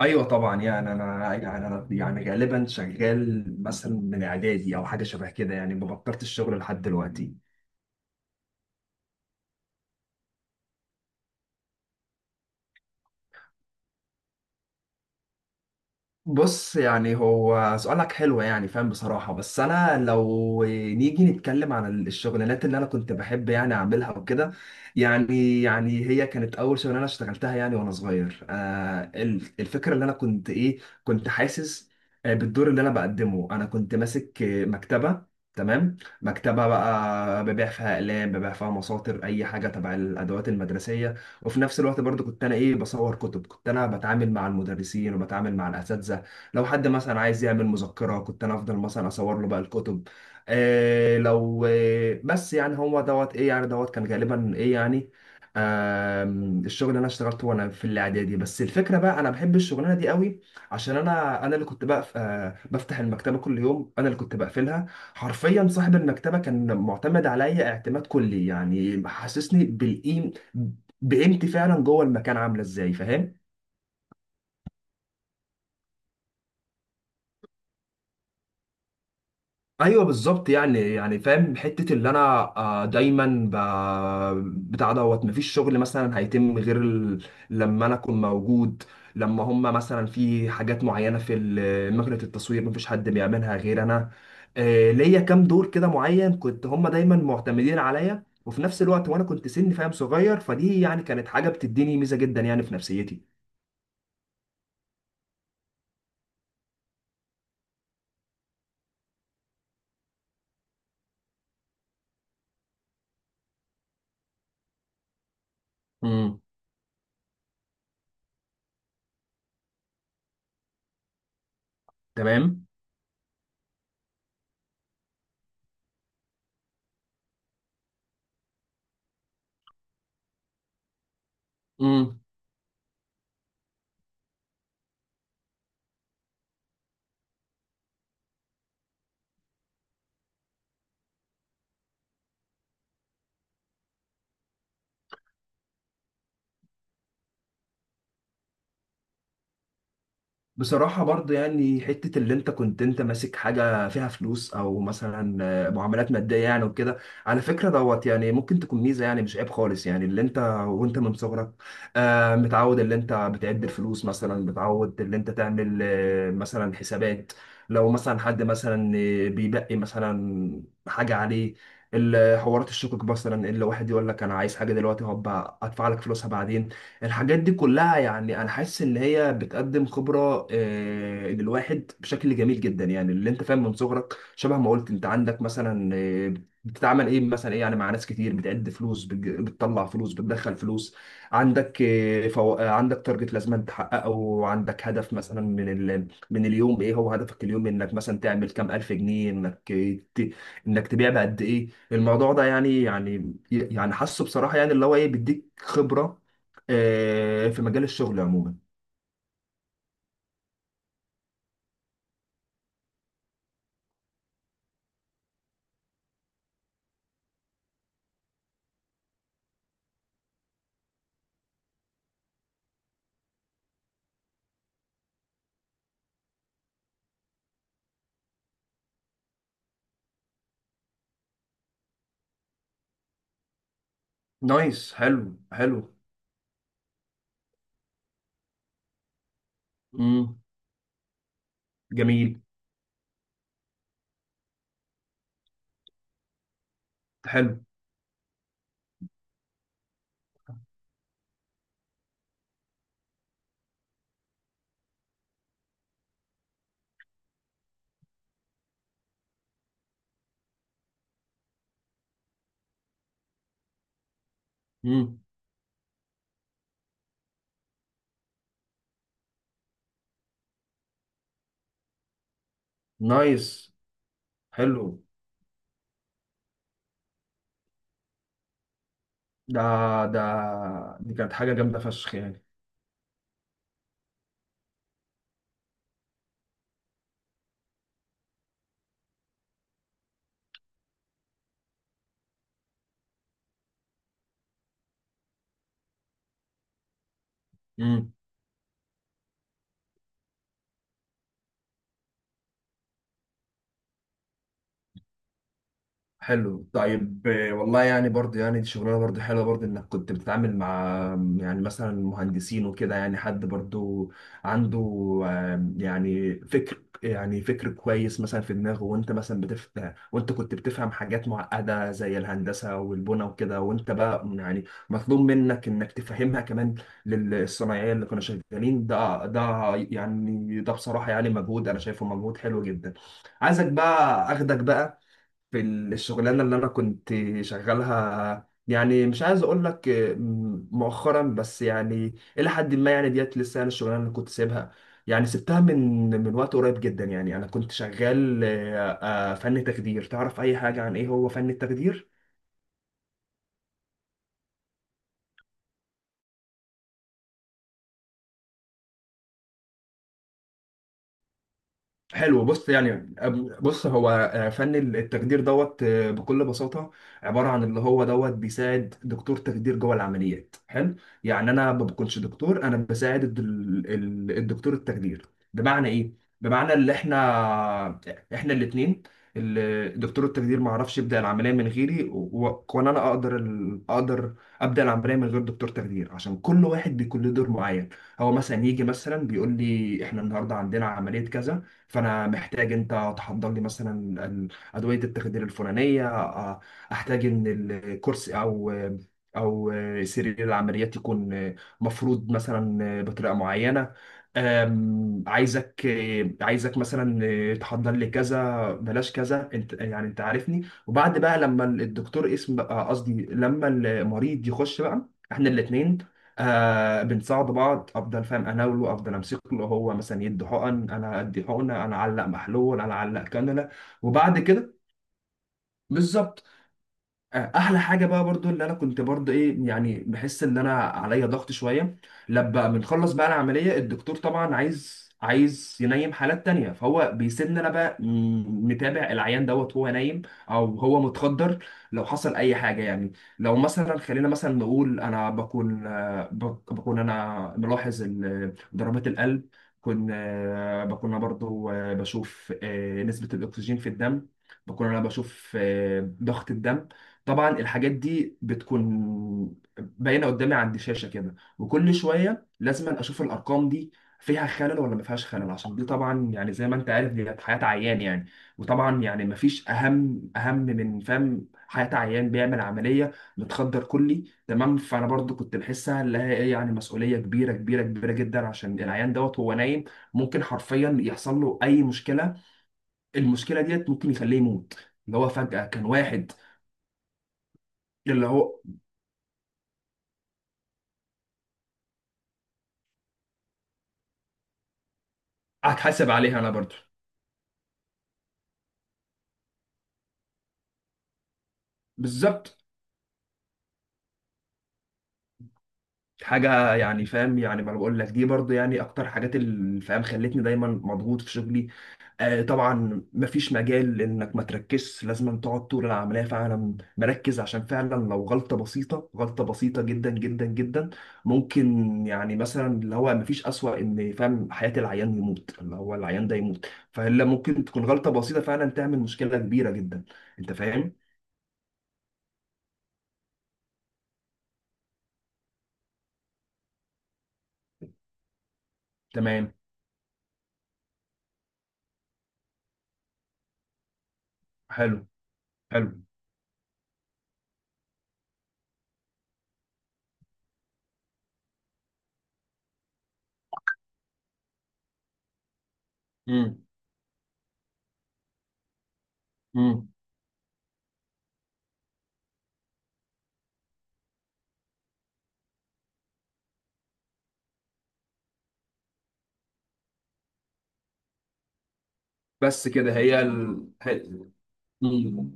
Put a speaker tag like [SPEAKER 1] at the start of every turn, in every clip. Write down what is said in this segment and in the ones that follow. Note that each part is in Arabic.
[SPEAKER 1] ايوه، طبعا يعني انا يعني انا يعني غالبا شغال مثلا من اعدادي او حاجه شبه كده، يعني ما بطلت الشغل لحد دلوقتي. بص، يعني هو سؤالك حلو، يعني فاهم بصراحة، بس أنا لو نيجي نتكلم عن الشغلانات اللي أنا كنت بحب يعني أعملها وكده. يعني هي كانت أول شغلانة اشتغلتها، يعني وأنا صغير، الفكرة اللي أنا كنت حاسس بالدور اللي أنا بقدمه. أنا كنت ماسك مكتبة، تمام، مكتبة بقى ببيع فيها أقلام، ببيع فيها مساطر، أي حاجة تبع الأدوات المدرسية. وفي نفس الوقت برضو كنت أنا بصور كتب، كنت أنا بتعامل مع المدرسين وبتعامل مع الأساتذة. لو حد مثلا عايز يعمل مذكرة كنت انا افضل مثلا اصور له بقى الكتب. لو بس يعني هو دوت ايه، يعني دوت كان غالبا ايه يعني. الشغل اللي انا اشتغلته وانا في الاعدادي، بس الفكره بقى انا بحب الشغلانه دي قوي عشان انا اللي كنت بقى بفتح المكتبه كل يوم، انا اللي كنت بقفلها. حرفيا صاحب المكتبه كان معتمد عليا اعتماد كلي، يعني حسسني بالقيم، بقيمتي فعلا جوه المكان. عامله ازاي فاهم؟ ايوه بالظبط، يعني يعني فاهم حته اللي انا دايما بتاع دوت مفيش شغل مثلا هيتم غير ال... لما انا اكون موجود. لما هم مثلا في حاجات معينه في مكنه التصوير مفيش حد بيعملها غير انا. ليا كام دور كده معين، كنت هم دايما معتمدين عليا، وفي نفس الوقت وانا كنت سن فاهم صغير، فدي يعني كانت حاجه بتديني ميزه جدا يعني في نفسيتي. امم. تمام. بصراحة برضه يعني حتة اللي انت كنت انت ماسك حاجة فيها فلوس او مثلا معاملات مادية يعني وكده، على فكرة دوت يعني ممكن تكون ميزة، يعني مش عيب خالص يعني اللي انت وانت من صغرك متعود اللي انت بتعد الفلوس، مثلا متعود اللي انت تعمل مثلا حسابات. لو مثلا حد مثلا بيبقي مثلا حاجة عليه، حوارات الشقق مثلا، اللي واحد يقول لك انا عايز حاجة دلوقتي هبقى ادفع لك فلوسها بعدين. الحاجات دي كلها يعني انا حاسس ان هي بتقدم خبره للواحد بشكل جميل جدا، يعني اللي انت فاهم من صغرك شبه ما قلت انت عندك مثلا بتتعامل ايه مثلا ايه، يعني مع ناس كتير، بتعد فلوس، بتطلع فلوس، بتدخل فلوس. عندك آه، فو... آه، عندك تارجت لازم تحققه، وعندك هدف مثلا من من اليوم ايه هو هدفك اليوم، انك مثلا تعمل كام الف جنيه، انك تبيع بقد ايه. الموضوع ده يعني يعني حاسه بصراحه، يعني اللي هو ايه بيديك خبره في مجال الشغل عموما. نايس، حلو حلو. امم. جميل. حلو. امم. نايس. حلو. ده ده دي كانت حاجة جامدة فشخ يعني. مم. حلو، طيب والله يعني برضه يعني دي شغلانه برضه حلوه، برضه انك كنت بتتعامل مع يعني مثلا مهندسين وكده، يعني حد برضه عنده يعني فكر، يعني فكر كويس مثلا في دماغه، وانت مثلا بتفهم، وانت كنت بتفهم حاجات معقده زي الهندسه والبنى وكده، وانت بقى يعني مطلوب منك انك تفهمها كمان للصنايعيه اللي كانوا شغالين. ده ده يعني ده بصراحه يعني مجهود، انا شايفه مجهود حلو جدا. عايزك بقى اخدك بقى في الشغلانه اللي انا كنت شغالها، يعني مش عايز اقول لك مؤخرا بس يعني الى حد ما، يعني ديت لسه، يعني الشغلانه اللي كنت سيبها، يعني سبتها من وقت قريب جدا، يعني انا كنت شغال فن تخدير. تعرف اي حاجه عن ايه هو فن التخدير؟ حلو. بص، يعني بص هو فن التخدير دوت بكل بساطة عبارة عن اللي هو دوت بيساعد دكتور تخدير جوه العمليات. حلو، يعني أنا ما بكونش دكتور، أنا بساعد الدكتور التخدير. بمعنى إيه؟ بمعنى اللي إحنا الاتنين، دكتور التخدير ما عرفش يبدأ العملية من غيري، وأنا أنا أقدر أقدر أبدأ العملية من غير دكتور تخدير، عشان كل واحد بيكون له دور معين. هو مثلا يجي مثلا بيقول لي إحنا النهاردة عندنا عملية كذا، فانا محتاج انت تحضر لي مثلا ادويه التخدير الفلانيه، احتاج ان الكرسي او سرير العمليات يكون مفروض مثلا بطريقه معينه. أم، عايزك عايزك مثلا تحضر لي كذا، بلاش كذا، انت يعني انت عارفني. وبعد بقى لما الدكتور اسم بقى، قصدي لما المريض يخش بقى، احنا الاثنين بنساعد بعض. افضل فاهم اناوله، افضل امسك له، هو مثلا يدي حقن، انا ادي حقنه، انا اعلق محلول، انا اعلق كانولا. وبعد كده بالظبط، احلى حاجه بقى برضو اللي انا كنت برضو ايه يعني بحس ان انا عليا ضغط شويه، لما بنخلص بقى العمليه الدكتور طبعا عايز، عايز ينيم حالات تانية، فهو بيسيبني انا بقى متابع العيان دوت وهو نايم او هو متخدر. لو حصل اي حاجه يعني، لو مثلا خلينا مثلا نقول انا بكون بكون انا ملاحظ ضربات القلب، بكون انا برضو بشوف نسبه الاكسجين في الدم، بكون انا بشوف ضغط الدم. طبعا الحاجات دي بتكون باينه قدامي عند شاشه كده، وكل شويه لازم اشوف الارقام دي فيها خلل ولا ما فيهاش خلل، عشان دي طبعا يعني زي ما انت عارف دي حياه عيان يعني. وطبعا يعني ما فيش اهم من فاهم حياه عيان بيعمل عمليه متخدر كلي. تمام، فانا برضو كنت بحسها اللي هي ايه، يعني مسؤوليه كبيره كبيره كبيره جدا، عشان العيان دوت هو نايم، ممكن حرفيا يحصل له اي مشكله، المشكله ديت ممكن يخليه يموت. اللي هو فجاه كان واحد، اللي هو هتحاسب عليها انا برضو. بالظبط. حاجه يعني فاهم، يعني ما أنا بقول لك دي برضو يعني اكتر حاجات اللي فاهم خلتني دايما مضغوط في شغلي. آه طبعا، مفيش مجال انك ما تركزش، لازم تقعد طول العمليه فعلا مركز، عشان فعلا لو غلطه بسيطه، غلطه بسيطه جدا جدا جدا، ممكن يعني مثلا اللي هو مفيش اسوأ ان فاهم حياه العيان يموت، اللي هو العيان ده يموت. فهلا ممكن تكون غلطه بسيطه فعلا تعمل مشكله كبيره جدا، انت فاهم. تمام. حلو حلو. امم. بس كده هي ال... هي... مم.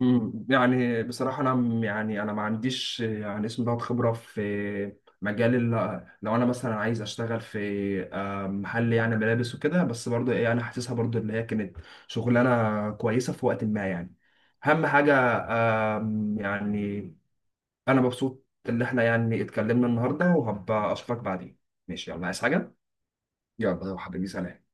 [SPEAKER 1] مم. يعني بصراحة أنا يعني أنا ما عنديش يعني اسم ده خبرة في مجال لو أنا مثلا عايز أشتغل في محل يعني ملابس وكده، بس برضه إيه أنا حاسسها برضه إن هي كانت شغلانة كويسة في وقت ما يعني. أهم حاجة، يعني أنا مبسوط إن إحنا يعني اتكلمنا النهاردة، وهبقى أشوفك بعدين. ماشي، يلا، عايز حاجة؟ يلا يا حبيبي، سلام.